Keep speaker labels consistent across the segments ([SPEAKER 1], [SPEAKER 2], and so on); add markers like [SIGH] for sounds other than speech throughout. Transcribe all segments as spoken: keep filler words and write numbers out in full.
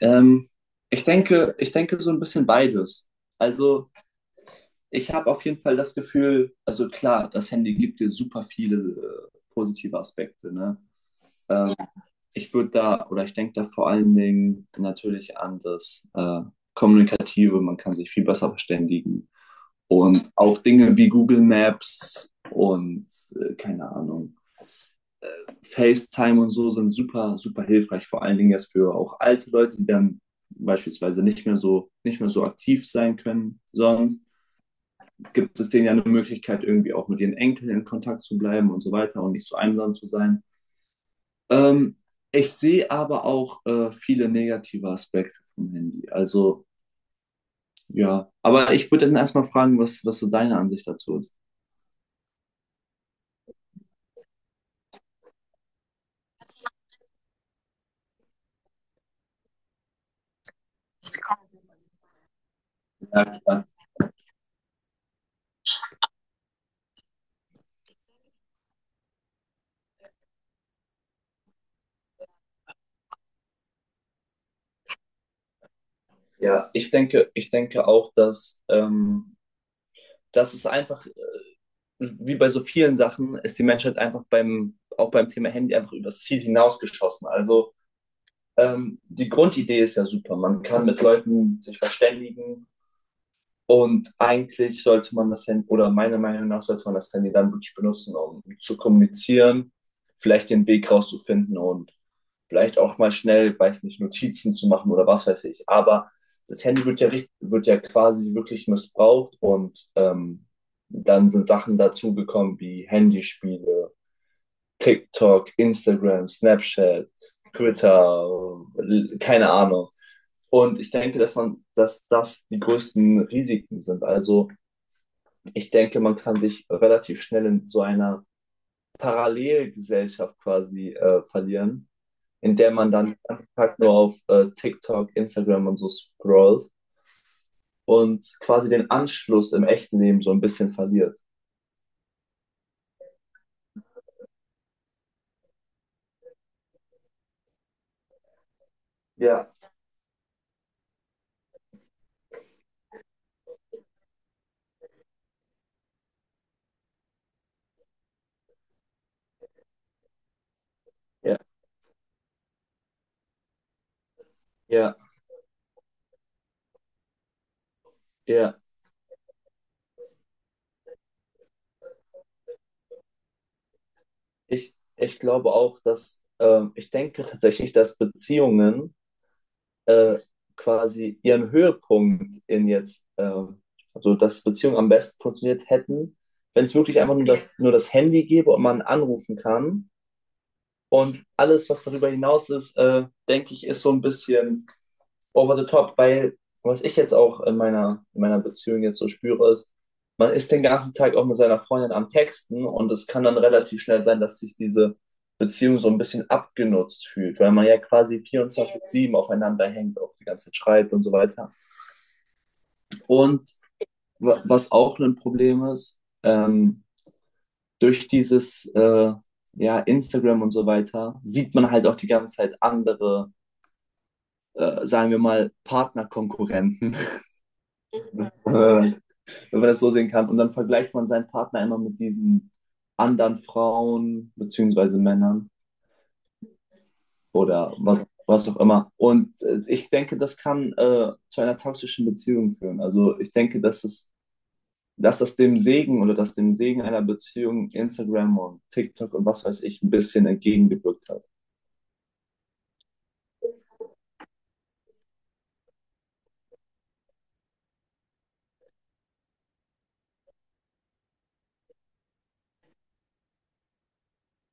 [SPEAKER 1] Ähm, ich denke, ich denke so ein bisschen beides. Also ich habe auf jeden Fall das Gefühl, also klar, das Handy gibt dir super viele äh, positive Aspekte, ne? Ähm, Ja, ich würde da, oder ich denke da vor allen Dingen natürlich an das äh, Kommunikative, man kann sich viel besser verständigen. Und auch Dinge wie Google Maps und äh, keine Ahnung, FaceTime und so sind super, super hilfreich, vor allen Dingen jetzt für auch alte Leute, die dann beispielsweise nicht mehr so, nicht mehr so aktiv sein können. Sonst gibt es denen ja eine Möglichkeit, irgendwie auch mit ihren Enkeln in Kontakt zu bleiben und so weiter und nicht so einsam zu sein. Ähm, ich sehe aber auch äh, viele negative Aspekte vom Handy. Also ja, aber ich würde dann erstmal fragen, was, was so deine Ansicht dazu ist. Ja, klar. Ja. ich denke, ich denke auch, dass, ähm, dass es einfach wie bei so vielen Sachen ist die Menschheit einfach beim, auch beim Thema Handy einfach übers Ziel hinausgeschossen. Also ähm, die Grundidee ist ja super. Man kann mit Leuten sich verständigen, und eigentlich sollte man das Handy, oder meiner Meinung nach sollte man das Handy dann wirklich benutzen, um zu kommunizieren, vielleicht den Weg rauszufinden und vielleicht auch mal schnell, weiß nicht, Notizen zu machen oder was weiß ich. Aber das Handy wird ja, richt- wird ja quasi wirklich missbraucht und ähm, dann sind Sachen dazugekommen wie Handyspiele TikTok, Instagram, Snapchat, Twitter, keine Ahnung. Und ich denke, dass man, dass das die größten Risiken sind. Also ich denke, man kann sich relativ schnell in so einer Parallelgesellschaft quasi äh, verlieren, in der man dann den ganzen Tag nur auf äh, TikTok, Instagram und so scrollt und quasi den Anschluss im echten Leben so ein bisschen verliert. Ja, ja. Ja, ja. Ich, ich glaube auch, dass ähm, ich denke tatsächlich, dass Beziehungen äh, quasi ihren Höhepunkt in jetzt, ähm, also dass Beziehungen am besten funktioniert hätten, wenn es wirklich einfach nur das, nur das Handy gäbe und man anrufen kann. Und alles, was darüber hinaus ist, äh, denke ich, ist so ein bisschen over the top, weil was ich jetzt auch in meiner, in meiner Beziehung jetzt so spüre, ist, man ist den ganzen Tag auch mit seiner Freundin am Texten und es kann dann relativ schnell sein, dass sich diese Beziehung so ein bisschen abgenutzt fühlt, weil man ja quasi vierundzwanzig sieben aufeinander hängt, auch die ganze Zeit schreibt und so weiter. Und wa- was auch ein Problem ist, ähm, durch dieses äh, ja, Instagram und so weiter sieht man halt auch die ganze Zeit andere, äh, sagen wir mal, Partnerkonkurrenten. [LAUGHS] Wenn man das so sehen kann. Und dann vergleicht man seinen Partner immer mit diesen anderen Frauen beziehungsweise Männern oder was, was auch immer. Und äh, ich denke, das kann äh, zu einer toxischen Beziehung führen. Also ich denke, dass es, dass das dem Segen oder dass dem Segen einer Beziehung Instagram und TikTok und was weiß ich ein bisschen entgegengewirkt hat.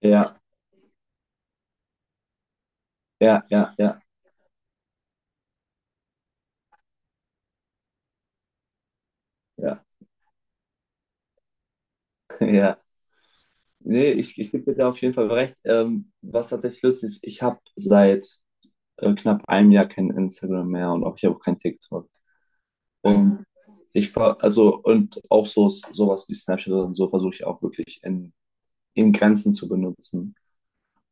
[SPEAKER 1] Ja, ja, ja, ja, ja, [LAUGHS] ja. Nee, ich, ich gebe dir da auf jeden Fall recht. Ähm, was tatsächlich lustig ist, ich habe seit äh, knapp einem Jahr kein Instagram mehr und auch ich habe auch kein TikTok. Und ich ver also und auch so sowas wie Snapchat und so versuche ich auch wirklich in, in Grenzen zu benutzen.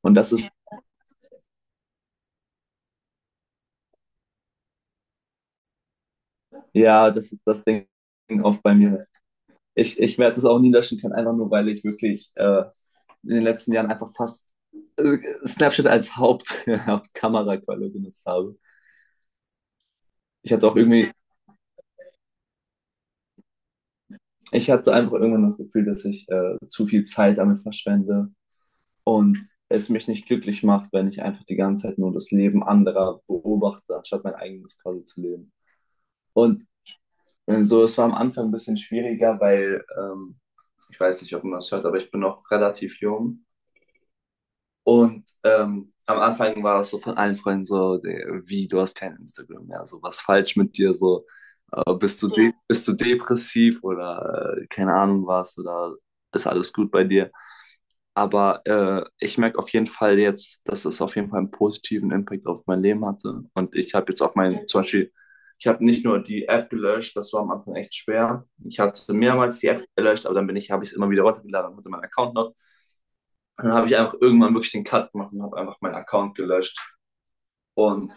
[SPEAKER 1] Und das ist, ja, das ist das Ding oft bei mir. Ich, ich werde es auch nie löschen können, einfach nur, weil ich wirklich äh, in den letzten Jahren einfach fast äh, Snapchat als Haupt, [LAUGHS] Hauptkameraquelle benutzt habe. Ich hatte auch irgendwie, ich hatte einfach irgendwann das Gefühl, dass ich äh, zu viel Zeit damit verschwende und es mich nicht glücklich macht, wenn ich einfach die ganze Zeit nur das Leben anderer beobachte, anstatt mein eigenes quasi zu leben. Und äh, so, es war am Anfang ein bisschen schwieriger, weil ähm, ich weiß nicht, ob man das hört, aber ich bin noch relativ jung. Und ähm, am Anfang war das so von allen Freunden so, der- wie, du hast kein Instagram mehr, so was falsch mit dir, so äh, bist du, de Ja. Bist du depressiv oder äh, keine Ahnung was oder ist alles gut bei dir? Aber äh, ich merke auf jeden Fall jetzt, dass es auf jeden Fall einen positiven Impact auf mein Leben hatte. Und ich habe jetzt auch mein, zum Beispiel, ich habe nicht nur die App gelöscht, das war am Anfang echt schwer. Ich hatte mehrmals die App gelöscht, aber dann bin ich, habe ich es immer wieder runtergeladen und hatte meinen Account noch. Und dann habe ich einfach irgendwann wirklich den Cut gemacht und habe einfach meinen Account gelöscht. Und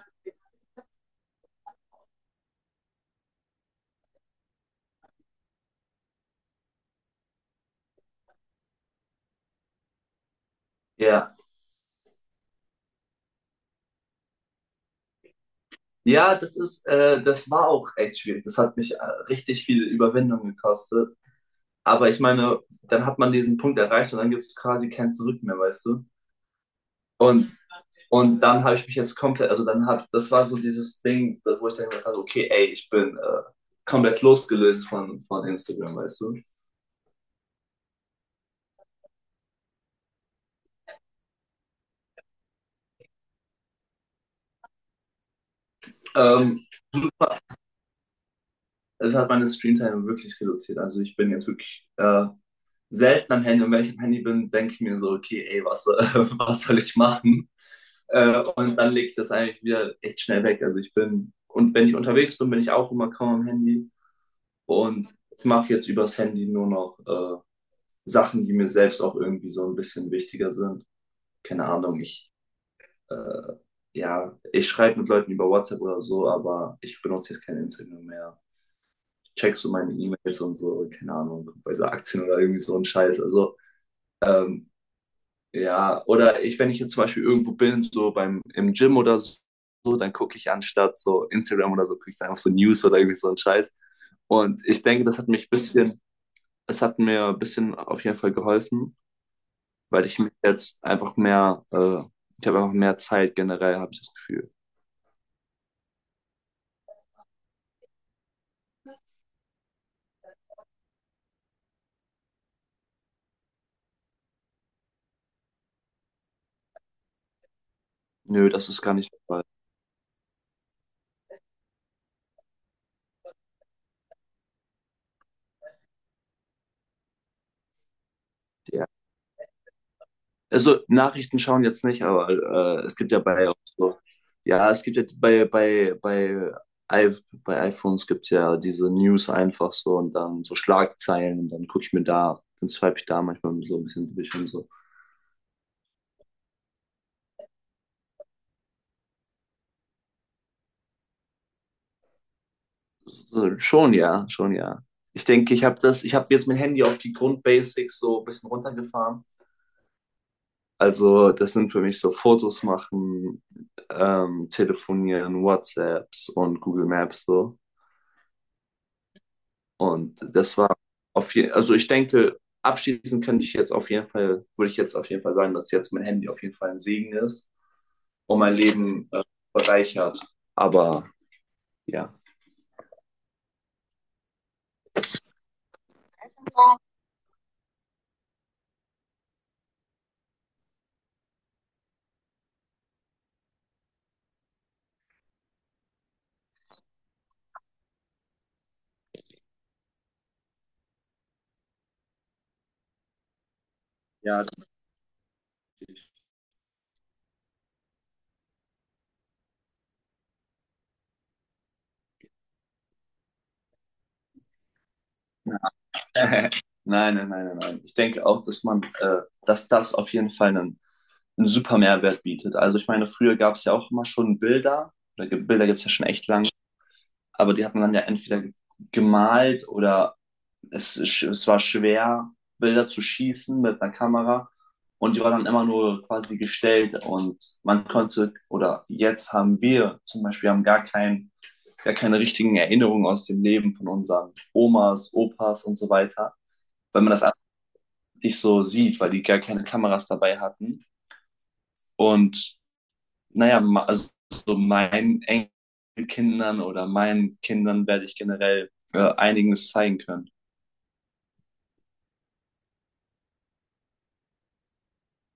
[SPEAKER 1] ja, ja, das ist, äh, das war auch echt schwierig. Das hat mich äh, richtig viel Überwindung gekostet. Aber ich meine, dann hat man diesen Punkt erreicht und dann gibt es quasi kein Zurück mehr, weißt du? Und Und dann habe ich mich jetzt komplett, also dann habe, das war so dieses Ding, wo ich dann gedacht habe, okay, ey, ich bin äh, komplett losgelöst von, von Instagram, weißt du. Ähm, es hat meine Screentime wirklich reduziert. Also ich bin jetzt wirklich äh, selten am Handy. Und wenn ich am Handy bin, denke ich mir so, okay, ey, was, äh, [LAUGHS] was soll ich machen? Äh, und dann lege ich das eigentlich wieder echt schnell weg. Also ich bin, und wenn ich unterwegs bin, bin ich auch immer kaum am Handy. Und ich mache jetzt übers Handy nur noch äh, Sachen, die mir selbst auch irgendwie so ein bisschen wichtiger sind. Keine Ahnung, ich, äh, ja, ich schreibe mit Leuten über WhatsApp oder so, aber ich benutze jetzt kein Instagram mehr. Checkst du meine E-Mails und so, keine Ahnung, bei so Aktien oder irgendwie so ein Scheiß. Also, ähm, ja, oder ich, wenn ich jetzt zum Beispiel irgendwo bin, so beim, im Gym oder so, dann gucke ich anstatt so Instagram oder so, gucke ich einfach so News oder irgendwie so ein Scheiß. Und ich denke, das hat mich ein bisschen, es hat mir ein bisschen auf jeden Fall geholfen, weil ich mich jetzt einfach mehr, äh, ich habe einfach mehr Zeit generell, habe ich das Gefühl. Nö, das ist gar nicht der Fall. Ja. Also Nachrichten schauen jetzt nicht, aber äh, es gibt ja bei auch so, ja, es gibt ja bei bei bei I bei iPhones gibt's ja diese News einfach so und dann so Schlagzeilen und dann gucke ich mir da, dann swipe ich da manchmal so ein bisschen durch und so. So. Schon ja, schon ja. Ich denke, ich habe das, ich habe jetzt mein Handy auf die Grundbasics so ein bisschen runtergefahren. Also das sind für mich so Fotos machen, ähm, telefonieren, WhatsApps und Google Maps so. Und das war auf jeden also ich denke, abschließend kann ich jetzt auf jeden Fall, würde ich jetzt auf jeden Fall sagen, dass jetzt mein Handy auf jeden Fall ein Segen ist und mein Leben äh, bereichert. Aber ja. Ja, das. [LAUGHS] Nein, nein, nein, nein, nein. Ich denke auch, dass man, äh, dass das auf jeden Fall einen, einen super Mehrwert bietet. Also ich meine, früher gab es ja auch immer schon Bilder, oder ge- Bilder gibt es ja schon echt lange. Aber die hat man dann ja entweder gemalt oder es, sch- es war schwer, Bilder zu schießen mit einer Kamera. Und die war dann immer nur quasi gestellt und man konnte, oder jetzt haben wir zum Beispiel, haben gar kein, gar keine richtigen Erinnerungen aus dem Leben von unseren Omas, Opas und so weiter, weil man das alles nicht so sieht, weil die gar keine Kameras dabei hatten. Und naja, ma- also so meinen Enkelkindern oder meinen Kindern werde ich generell äh, einiges zeigen können.